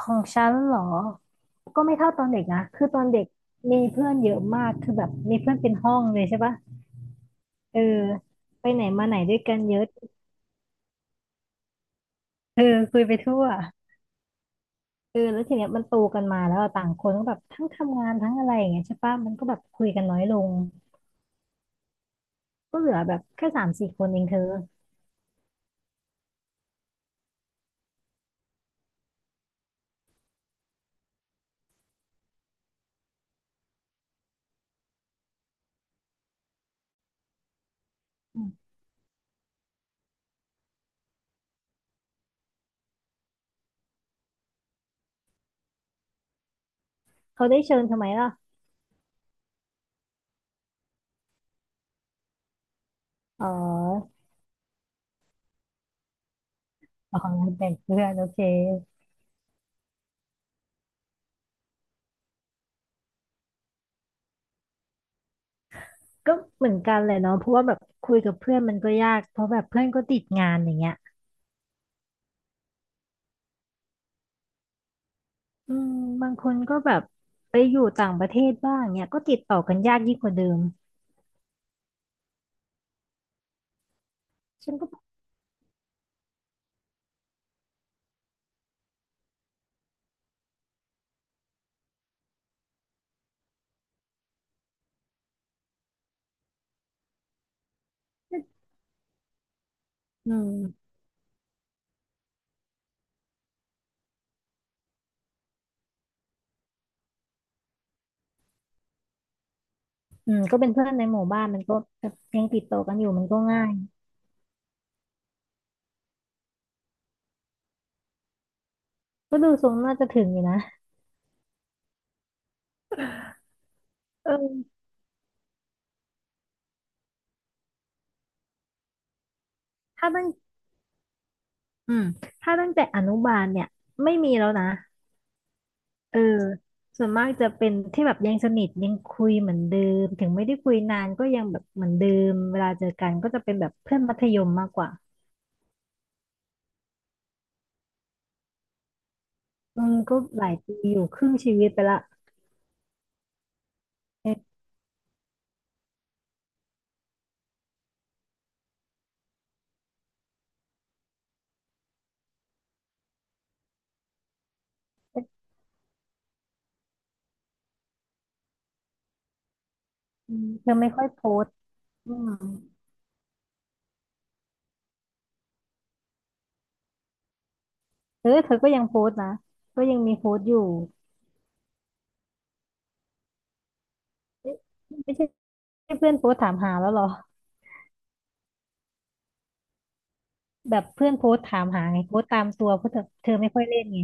ของฉันเหรอก็ไม่เท่าตอนเด็กนะคือตอนเด็กมีเพื่อนเยอะมากคือแบบมีเพื่อนเป็นห้องเลยใช่ปะเออไปไหนมาไหนด้วยกันเยอะเออคุยไปทั่วเออแล้วทีเนี้ยมันโตกันมาแล้วอะต่างคนก็แบบทั้งทำงานทั้งอะไรอย่างเงี้ยใช่ปะมันก็แบบคุยกันน้อยลงก็เหลือแบบแค่สามสี่คนเองเธออืมเขาได้เชิญทำไมล่ะอ๋ออ๋อแต่งเพื่อนโอเคก็เหมือนกันเลยเนาะเพราะว่าแบบคุยกับเพื่อนมันก็ยากเพราะแบบเพื่อนก็ติดงานอย่างเงี้ย อืมบางคนก็แบบไปอยู่ต่างประเทศบ้างเนี่ยก็ติดต่อกันยากยิ่งกว่าเดิมฉันก็บอกว่าอืมอืมก็เป็นเพื่อนในหมู่บ้านมันก็แบบยังติดต่อกันอยู่มันก็ง่ายก็ดูทรงน่าจะถึงอยู่นะเออถ้าตั้งอืมถ้าตั้งแต่อนุบาลเนี่ยไม่มีแล้วนะเออส่วนมากจะเป็นที่แบบยังสนิทยังคุยเหมือนเดิมถึงไม่ได้คุยนานก็ยังแบบเหมือนเดิมเวลาเจอกันก็จะเป็นแบบเพื่อนมัธยมมากกว่าอืมก็หลายปีอยู่ครึ่งชีวิตไปละ อืมเธอไม่ค่อยโพสต์อืมเออเธอก็ยังโพสต์นะก็ยังมีโพสต์อยู่เอ๊ะไม่ใช่เพื่อนโพสต์ถามหาแล้วเหรอแบบเพื่อนโพสต์ถามหาไงโพสต์ตามตัวเพราะเธอเธอไม่ค่อยเล่นไง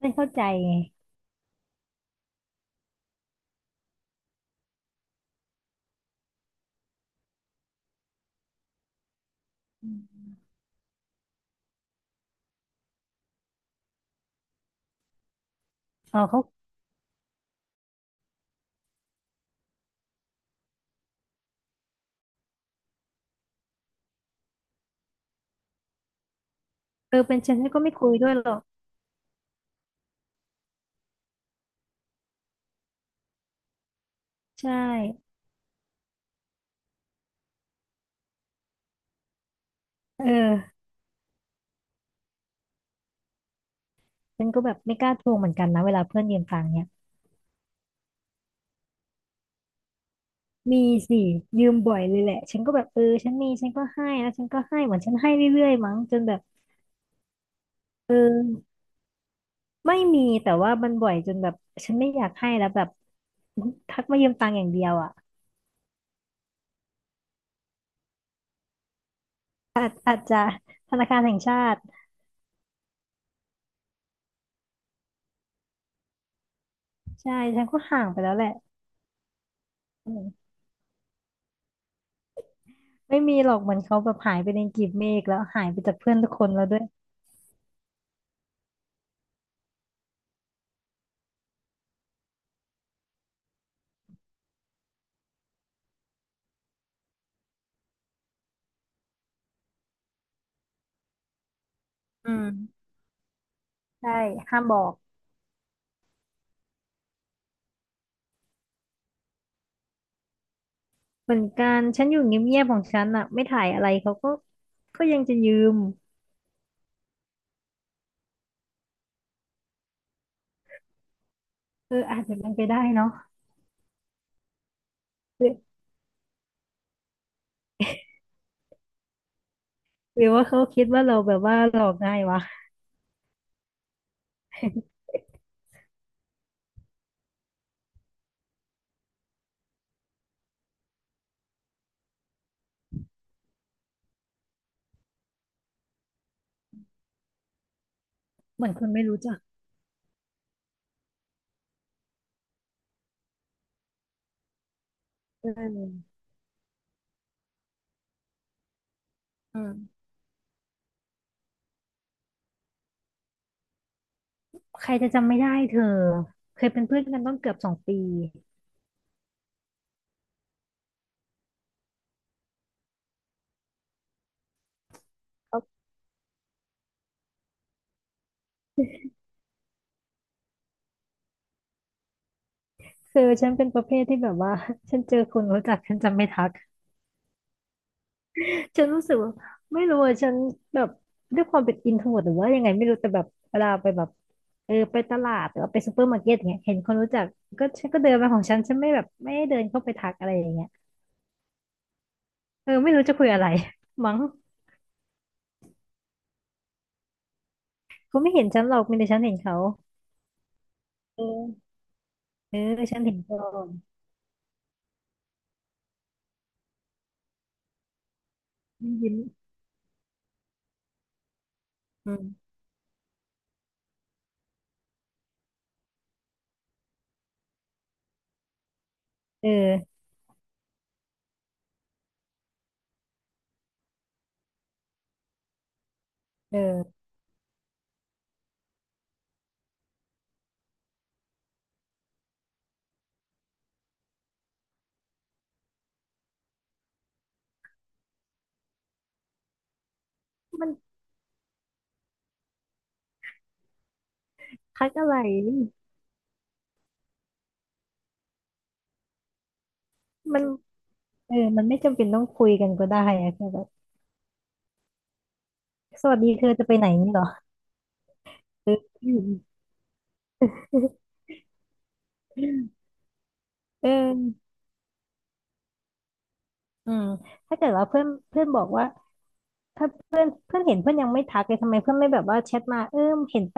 ไม่เข้าใจไงอืมอ๋อเขาเออเป็นฉันก็ไม่คุยด้วยหรอกใช่เออฉันก็แบบไม่กล้าทวงเหมือนกันนะเวลาเพื่อนยืมตังค์เนี่ยมีสิยืมบ่อยเลยแหละฉันก็แบบเออฉันมีฉันก็ให้แล้วฉันก็ให้เหมือนฉันให้เรื่อยๆมั้งจนแบบเออ ไม่มีแต่ว่ามันบ่อยจนแบบฉันไม่อยากให้แล้วแบบทักมายืมตังค์อย่างเดียวอ่ะอาจจะธนาคารแห่งชาติใช่ฉันก็ห่างไปแล้วแหละอืมไม่มีหรอกเหมือนเขาแบบหายไปในกลีบเมฆแล้วหายไปจากเพื่อนทุกคนแล้วด้วยอืมใช่ห้ามบอกเหมือนกันฉันอยู่เงียบๆของฉันอ่ะไม่ถ่ายอะไรเขาก็ก็ยังจะยืมเอออาจจะเป็นไปได้เนาะหรือหรือว่าเขาคิดว่าเราแบบว่าหลอกง่ายวะเหมือนคนไม่รู้จักเอออืม ใครจะจำไม่ได้เธอเคยเป็นเพื่อนกันต้องเกือบ2 ปีแล้คือฉันเป็นประเภทที่แบบว่า ฉันเจอคนรู้จักฉันจำไม่ทักฉันรู้สึกว่าไม่รู้อะฉันแบบด้วยความเป็นอินโทรหรือว่ายังไงไม่รู้แต่แบบเวลาไปแบบเออไปตลาดหรือว่าไปซูเปอร์มาร์เก็ตอย่างเงี้ยเห็นคนรู้จักก็ฉันก็เดินมาของฉันฉันไม่แบบไม่ได้เดินเข้าไปทักอะไรอย่างเงี้ยเออไม่รู้จะคุยอะไร มั้งเขาไม่เห็นฉันหรอกมีแต่ฉันเห็นเขาเออเออฉันเห็นก่อนยิ้มยิ้มอืมเออเออมัน ทักอะไรมันเออมันไม่จำเป็นต้องคุยกันก็ได้อะแค่แบบสวัสดีเธอจะไปไหนนี่เหรอเออเอออืมถ้าเกิดว่าเพื่อนเพื่อนบอกว่าถ้าเพื่อนเห็นเพื่อนยังไม่ทักเลยทำไมเพื่อนไม่แบบว่าแชทมาเออเห็นไป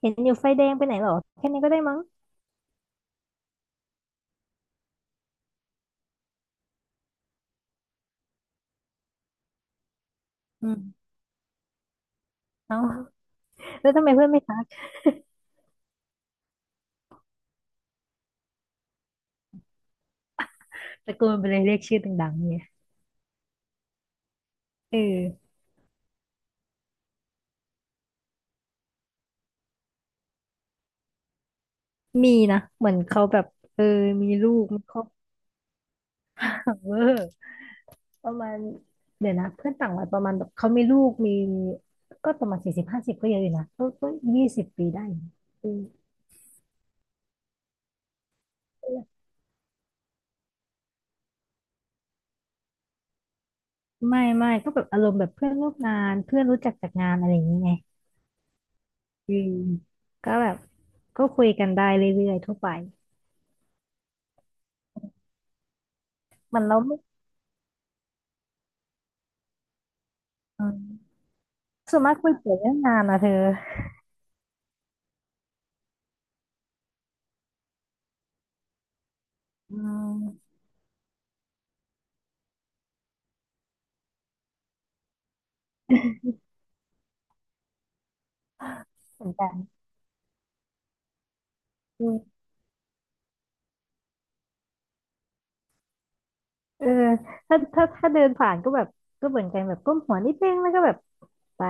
เห็นอยู่ไฟแดงไปไหนเหรอแค่นี้ก็ได้มั้งอืมเอาแล้วทำไมเพื่อนไม่ทักตะโกนไปเลยเรียกชื่อดังๆเนี่ยเออมีนะเหมือนเขาแบบเออมีลูกมีครอบครัว ประมาณเดี๋ยวนะเพื่อนต่างวัยประมาณแบบเขามีลูกมีก็ประมาณ40-50ก็เยอะอยู่นะก็20 ปีได้อืมไม่ไม่ก็แบบอารมณ์แบบเพื่อนร่วมงานเพื่อนรู้จักจากงานอะไรอย่างเงี้ยไงอืมก็แบบก็คุยกันได้เรื่อยๆทั่วไปมันเราไม่อืมส่วนมากคุยเกี่ยวเรื่องงานนะเธออืมเหมือนกันอืมเออถ้าเดินผ่านก็แบบก็เหมือนกันแบบก้มหัวนิดนึงแล้วก็แบบไป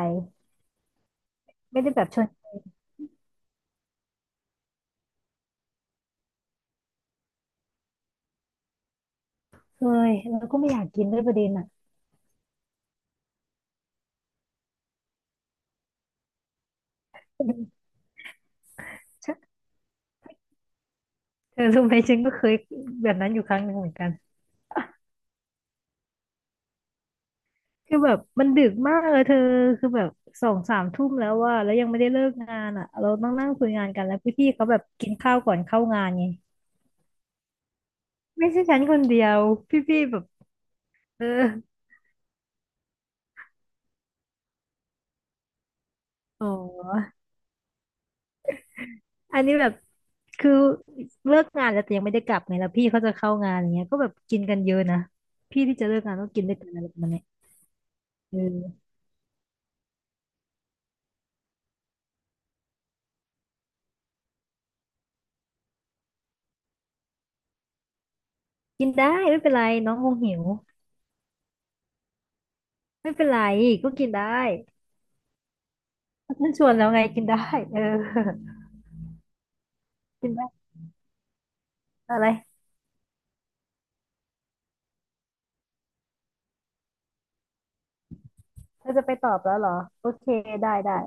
ไม่ได้แบบชวนเคยแล้วก็ไม่อยากกินด้วยประเด็นอ่ะ ฉันเธอรู้ไหมฉันก็เคยแบบนั้นอยู่ครั้งหนึ่งเหมือนกันคือแบบมันดึกมากเลยเธอคือแบบ2-3 ทุ่มแล้วว่าแล้วยังไม่ได้เลิกงานอ่ะเราต้องนั่งคุยงานกันแล้วพี่ๆเขาแบบกินข้าวก่อนเข้างานไงไม่ใช่ฉันคนเดียวพี่ๆแบบเอออ๋ออันนี้แบบคือเลิกงานแล้วแต่ยังไม่ได้กลับไงแล้วพี่เขาจะเข้างานอย่างเงี้ยก็แบบกินกันเยอะนะพี่ที่จะเลิกงานต้องกินด้วยกันอะไรประมาณเนี้ยเออกินได้ไม่เป็นไรน้องคงหิวไม่เป็นไรก็กินได้ มันชวนแล้วไงกินได้เออกินได้อะไรเธอจะไปตอบแล้วเหรอโอเคได้ได้